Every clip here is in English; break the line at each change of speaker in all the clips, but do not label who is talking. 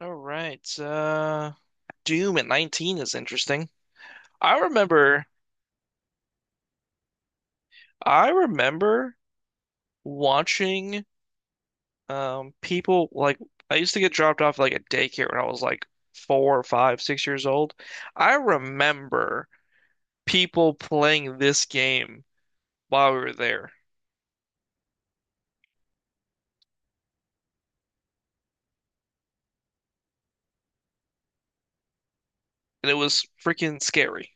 All right. Doom at 19 is interesting. I remember I remember watching people like I used to get dropped off like at daycare when I was like four, five, 6 years old. I remember people playing this game while we were there, and it was freaking scary.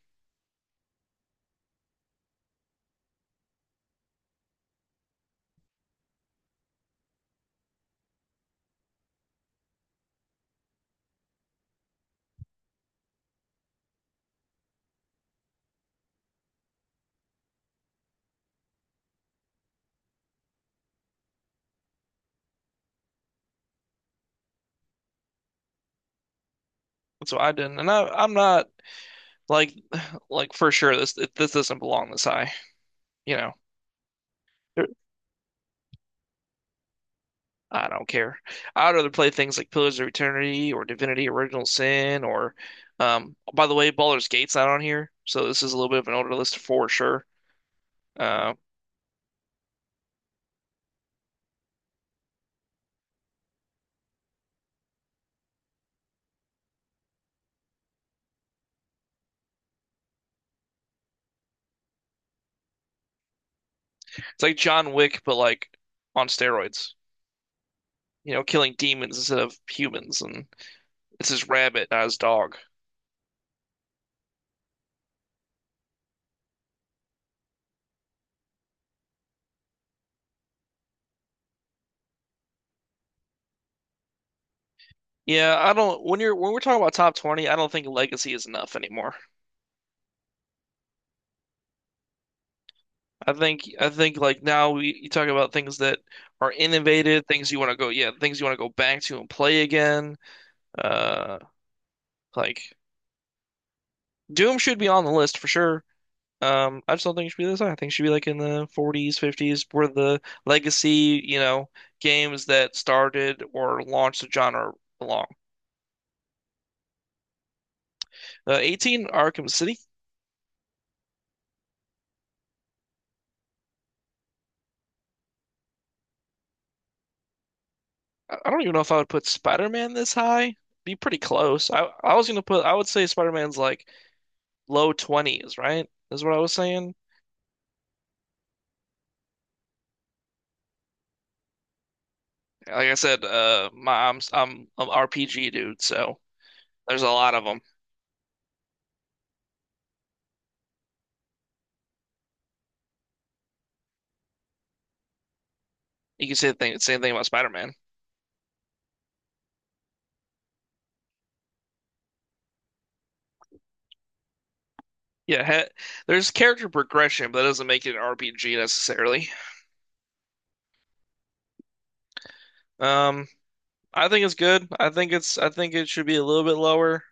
So I didn't, and I'm not like like for sure this doesn't belong this high. You know, I don't care. I'd rather play things like Pillars of Eternity or Divinity Original Sin or, by the way, Baldur's Gate's not on here, so this is a little bit of an older list for sure. Uh, it's like John Wick, but like on steroids. You know, killing demons instead of humans, and it's his rabbit, not his dog. Yeah, I don't. When you're when we're talking about top 20, I don't think legacy is enough anymore. I think like now we you talk about things that are innovative, things you want to go, yeah, things you want to go back to and play again. Uh, Like Doom should be on the list for sure. I just don't think it should be this high. I think it should be like in the 40s, 50s, where the legacy, you know, games that started or launched the genre belong. 18, Arkham City. I don't even know if I would put Spider-Man this high. Be pretty close. I was gonna put. I would say Spider-Man's like low 20s, right? Is what I was saying. Like I said, my I'm an RPG dude, so there's a lot of them. You can say same thing about Spider-Man. Yeah, ha there's character progression, but that doesn't make it an RPG necessarily. Um, I think it's good. I think it should be a little bit lower.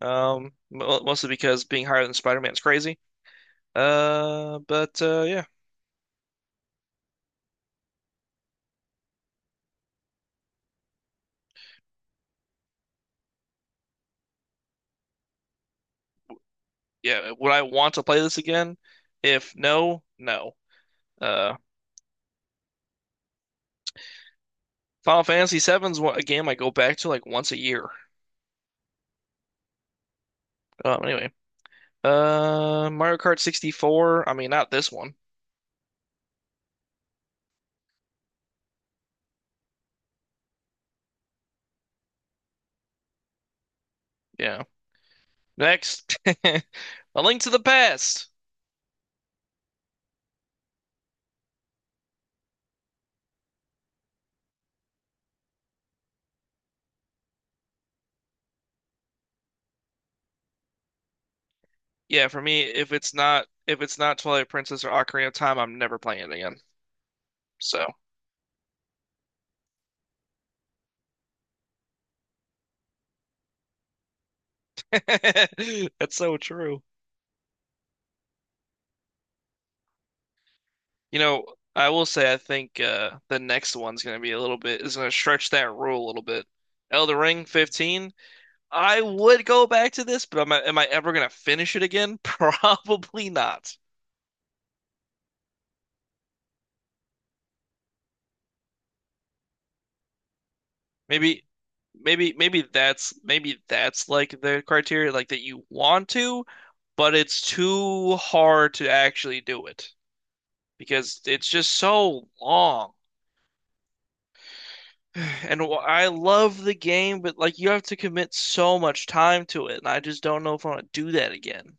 Mostly because being higher than Spider-Man is crazy. Uh, but uh, yeah, yeah. Would I want to play this again? If no, no. Uh, Final Fantasy VII's a game I go back to like once a year. Anyway, Mario Kart 64. I mean, not this one. Yeah. Next, A Link to the Past. Yeah, for me, if it's not Twilight Princess or Ocarina of Time, I'm never playing it again. So that's so true. You know, I will say I think the next one's gonna stretch that rule a little bit. Elden Ring 15. I would go back to this, but am I ever gonna finish it again? Probably not. Maybe maybe maybe that's like the criteria, like that you want to, but it's too hard to actually do it, because it's just so long. I love the game, but like you have to commit so much time to it, and I just don't know if I want to do that again.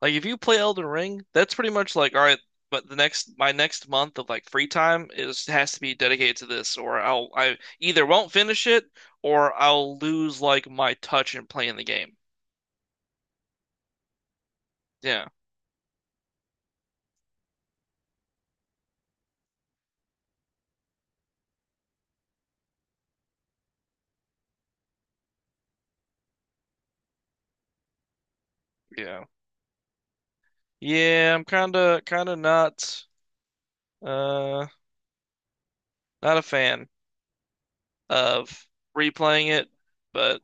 Like if you play Elden Ring, that's pretty much like, all right, but the next my next month of like free time is has to be dedicated to this, or I'll I either won't finish it or I'll lose like my touch in playing the game. Yeah, yeah. Yeah, I'm kinda not uh not a fan of replaying it, but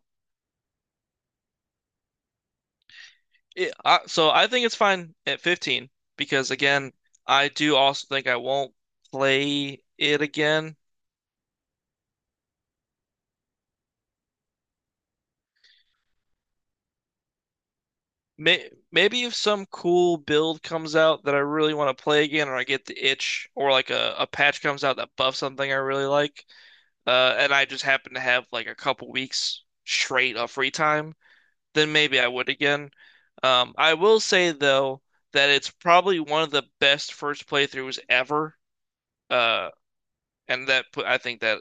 It, I, so I think it's fine at 15 because again, I do also think I won't play it again. Maybe if some cool build comes out that I really want to play again, or I get the itch, or like a patch comes out that buffs something I really like, and I just happen to have like a couple weeks straight of free time, then maybe I would again. I will say though that it's probably one of the best first playthroughs ever. Uh, and that put I think that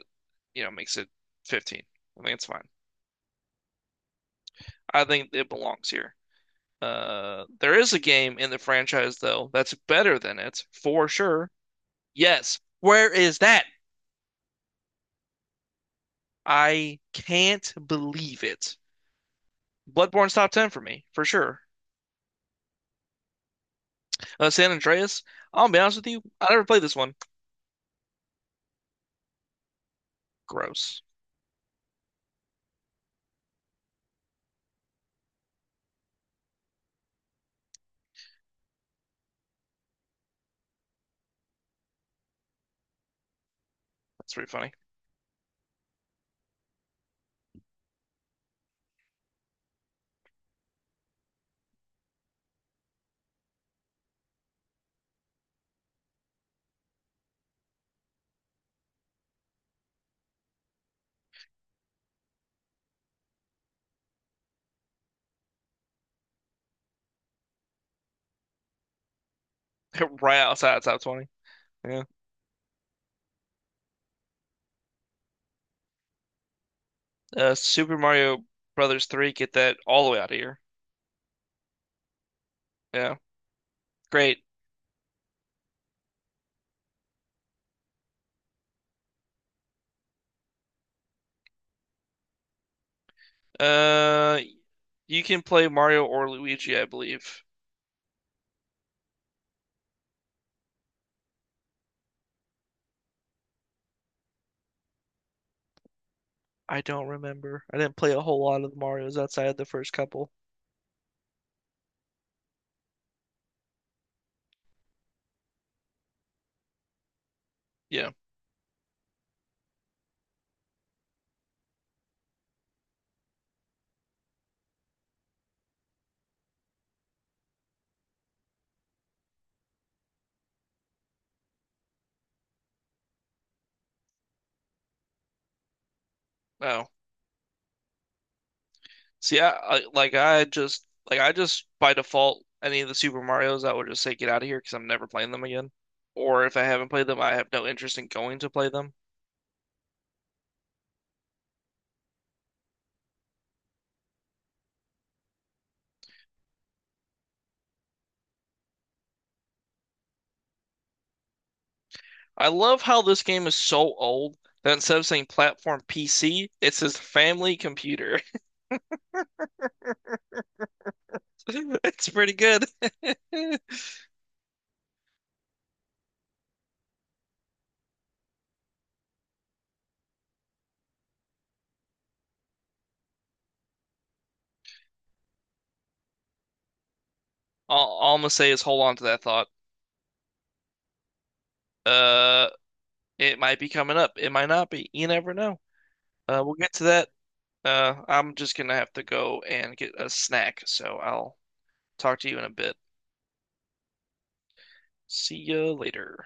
makes it 15. I think it's fine. I think it belongs here. There is a game in the franchise though that's better than it for sure. Yes, where is that? I can't believe it. Bloodborne's top 10 for me, for sure. San Andreas, I'll be honest with you, I never played this one. Gross. That's pretty funny. Right outside of top 20. Yeah. Super Mario Brothers 3, get that all the way out of here. Yeah. Great. Uh, you can play Mario or Luigi, I believe. I don't remember. I didn't play a whole lot of the Marios outside of the first couple. Yeah. Oh. See, I like I just by default any of the Super Marios, I would just say get out of here because I'm never playing them again. Or if I haven't played them, I have no interest in going to play them. I love how this game is so old that instead of saying platform PC, it says family computer. It's pretty good. All I'm gonna say is hold on to that thought. Uh, it might be coming up. It might not be. You never know. We'll get to that. I'm just gonna have to go and get a snack, so I'll talk to you in a bit. See you later.